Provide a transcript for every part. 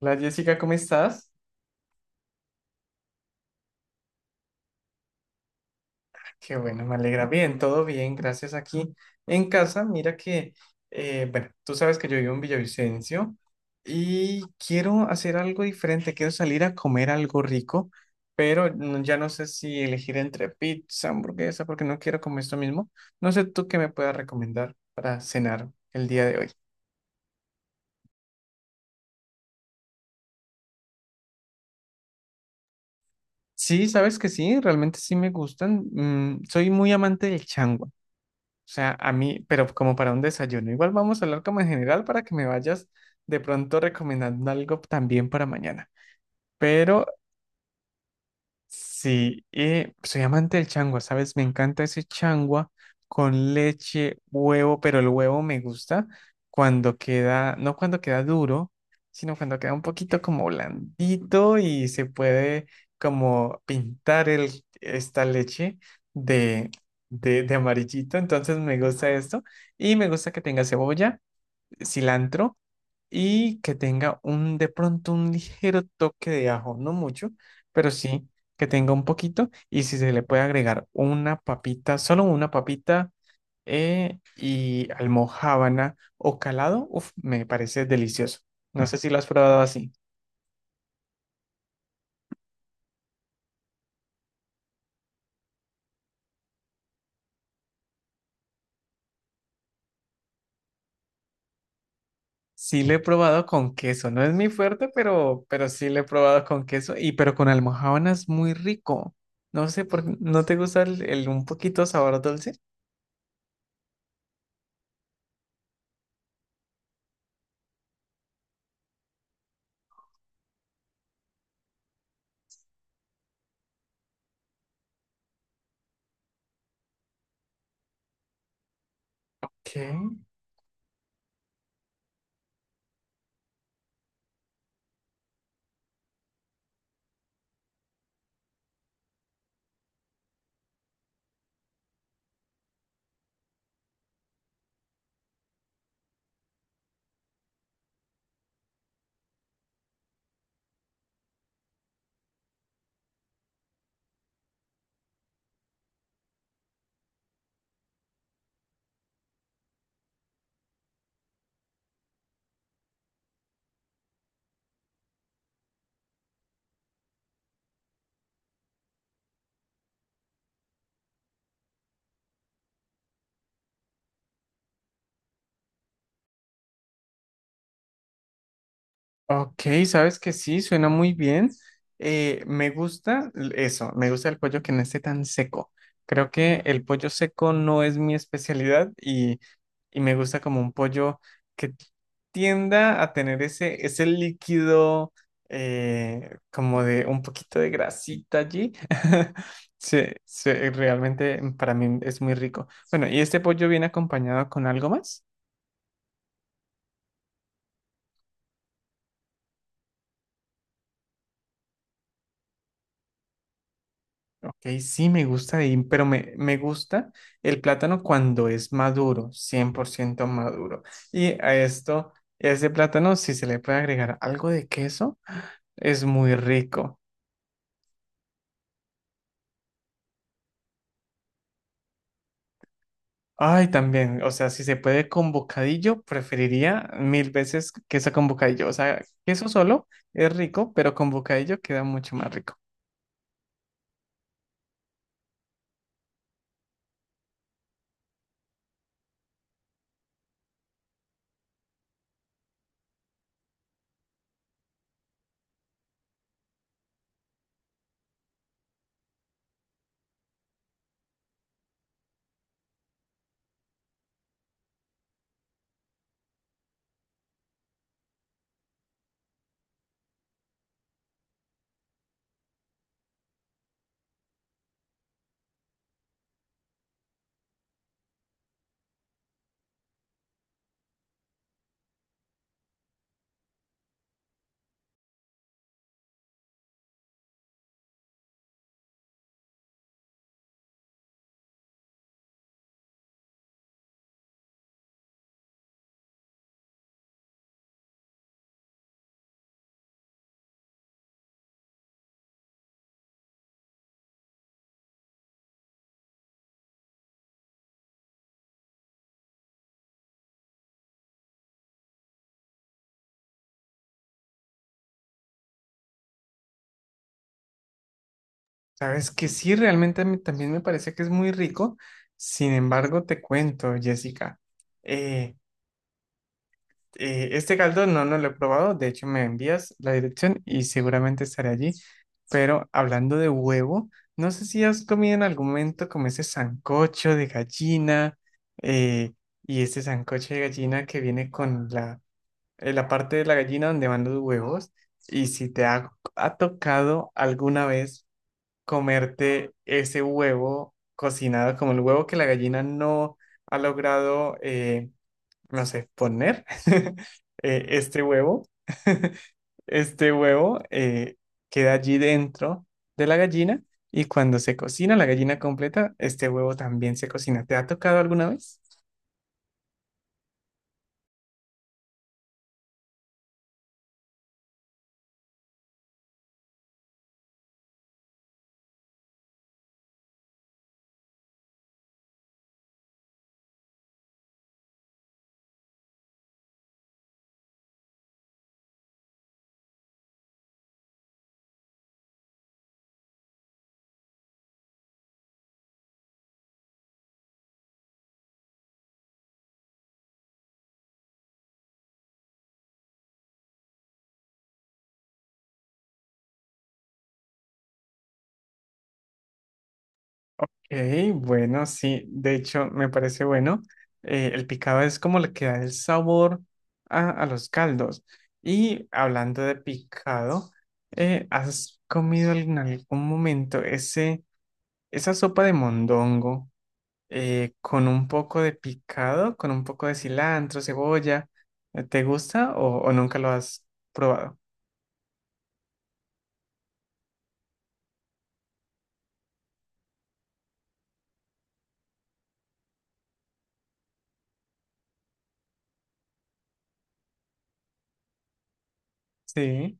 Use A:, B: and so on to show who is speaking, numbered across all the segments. A: Hola Jessica, ¿cómo estás? Qué bueno, me alegra. Bien, todo bien, gracias aquí en casa. Mira que, bueno, tú sabes que yo vivo en Villavicencio y quiero hacer algo diferente, quiero salir a comer algo rico, pero ya no sé si elegir entre pizza, hamburguesa, porque no quiero comer esto mismo. No sé tú qué me puedas recomendar para cenar el día de hoy. Sí, sabes que sí, realmente sí me gustan. Mm, soy muy amante del changua. Sea, a mí, pero como para un desayuno. Igual vamos a hablar como en general para que me vayas de pronto recomendando algo también para mañana. Pero sí, y soy amante del changua, ¿sabes? Me encanta ese changua con leche, huevo, pero el huevo me gusta cuando queda, no cuando queda duro, sino cuando queda un poquito como blandito y se puede como pintar el, esta leche de, de amarillito. Entonces me gusta esto y me gusta que tenga cebolla, cilantro y que tenga un de pronto un ligero toque de ajo, no mucho, pero sí que tenga un poquito y si se le puede agregar una papita, solo una papita, y almojábana o calado, uf, me parece delicioso. No sé si lo has probado así. Sí lo he probado con queso, no es mi fuerte, pero, sí lo he probado con queso y pero con almojábana es muy rico. No sé por, ¿no te gusta el un poquito sabor dulce? ¿Qué? Ok, sabes que sí, suena muy bien. Me gusta eso, me gusta el pollo que no esté tan seco. Creo que el pollo seco no es mi especialidad y, me gusta como un pollo que tienda a tener ese, ese líquido, como de un poquito de grasita allí. Realmente para mí es muy rico. Bueno, ¿y este pollo viene acompañado con algo más? Ok, sí, me gusta, pero me, gusta el plátano cuando es maduro, 100% maduro. Y a esto, ese plátano, si se le puede agregar algo de queso, es muy rico. Ay, también, o sea, si se puede con bocadillo, preferiría mil veces queso con bocadillo. O sea, queso solo es rico, pero con bocadillo queda mucho más rico. Sabes que sí, realmente a mí también me parece que es muy rico. Sin embargo, te cuento, Jessica. eh, este caldo no, lo he probado, de hecho me envías la dirección y seguramente estaré allí. Pero hablando de huevo, no sé si has comido en algún momento como ese sancocho de gallina, eh, y ese sancocho de gallina que viene con la, la parte de la gallina donde van los huevos y si te ha, tocado alguna vez comerte ese huevo cocinado como el huevo que la gallina no ha logrado no sé, poner. Este huevo, este huevo queda allí dentro de la gallina y cuando se cocina la gallina completa, este huevo también se cocina. ¿Te ha tocado alguna vez? Ok, bueno, sí, de hecho me parece bueno. El picado es como le queda el sabor a, los caldos. Y hablando de picado, ¿has comido en algún momento ese, esa sopa de mondongo, con un poco de picado, con un poco de cilantro, cebolla? ¿Te gusta o, nunca lo has probado? Sí.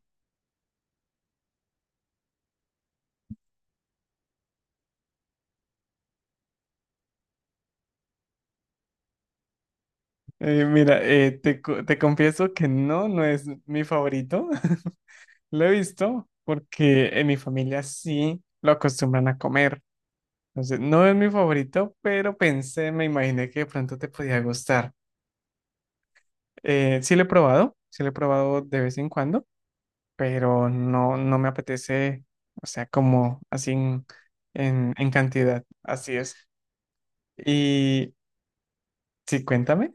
A: Mira, te confieso que no, es mi favorito. Lo he visto porque en mi familia sí lo acostumbran a comer. Entonces, no es mi favorito, pero pensé, me imaginé que de pronto te podía gustar. Sí lo he probado, sí lo he probado de vez en cuando, pero no, me apetece, o sea, como así en, en cantidad, así es. Y sí, cuéntame.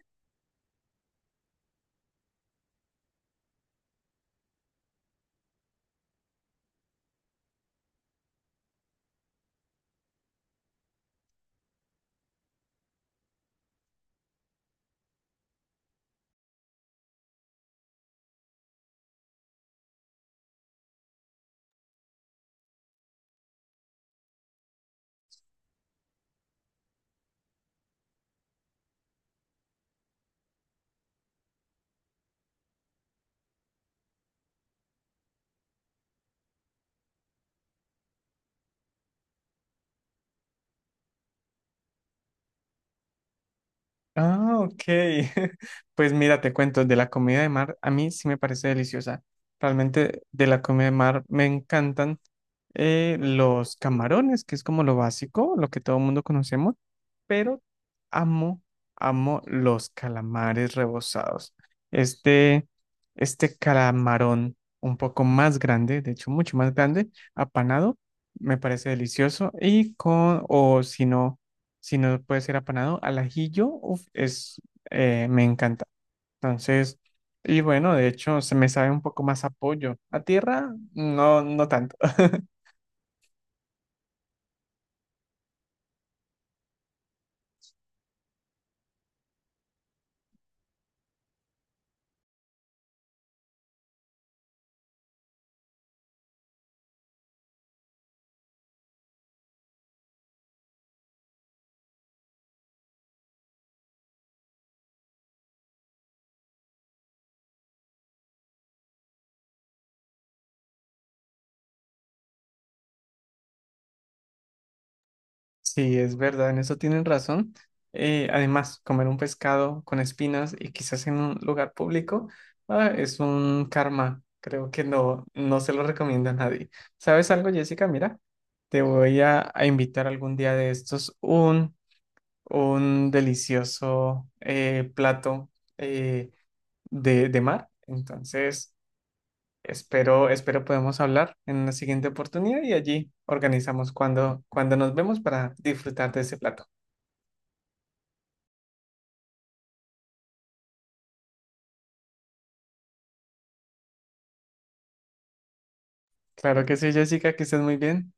A: Ah, ok. Pues mira, te cuento, de la comida de mar, a mí sí me parece deliciosa. Realmente de la comida de mar me encantan, los camarones, que es como lo básico, lo que todo el mundo conocemos. Pero amo, amo los calamares rebozados. Este, calamarón un poco más grande, de hecho mucho más grande, apanado, me parece delicioso y con, o si no, si no puede ser apanado, al ajillo, uf, es, me encanta. Entonces, y bueno, de hecho se me sabe un poco más a pollo. A tierra, no, no tanto. Sí, es verdad, en eso tienen razón. Además, comer un pescado con espinas y quizás en un lugar público, ah, es un karma. Creo que no, se lo recomiendo a nadie. ¿Sabes algo, Jessica? Mira, te voy a, invitar algún día de estos un, delicioso plato eh, de, mar. Entonces, espero, podemos hablar en una siguiente oportunidad y allí organizamos cuando, nos vemos para disfrutar de ese plato. Claro que sí, Jessica, que estés muy bien.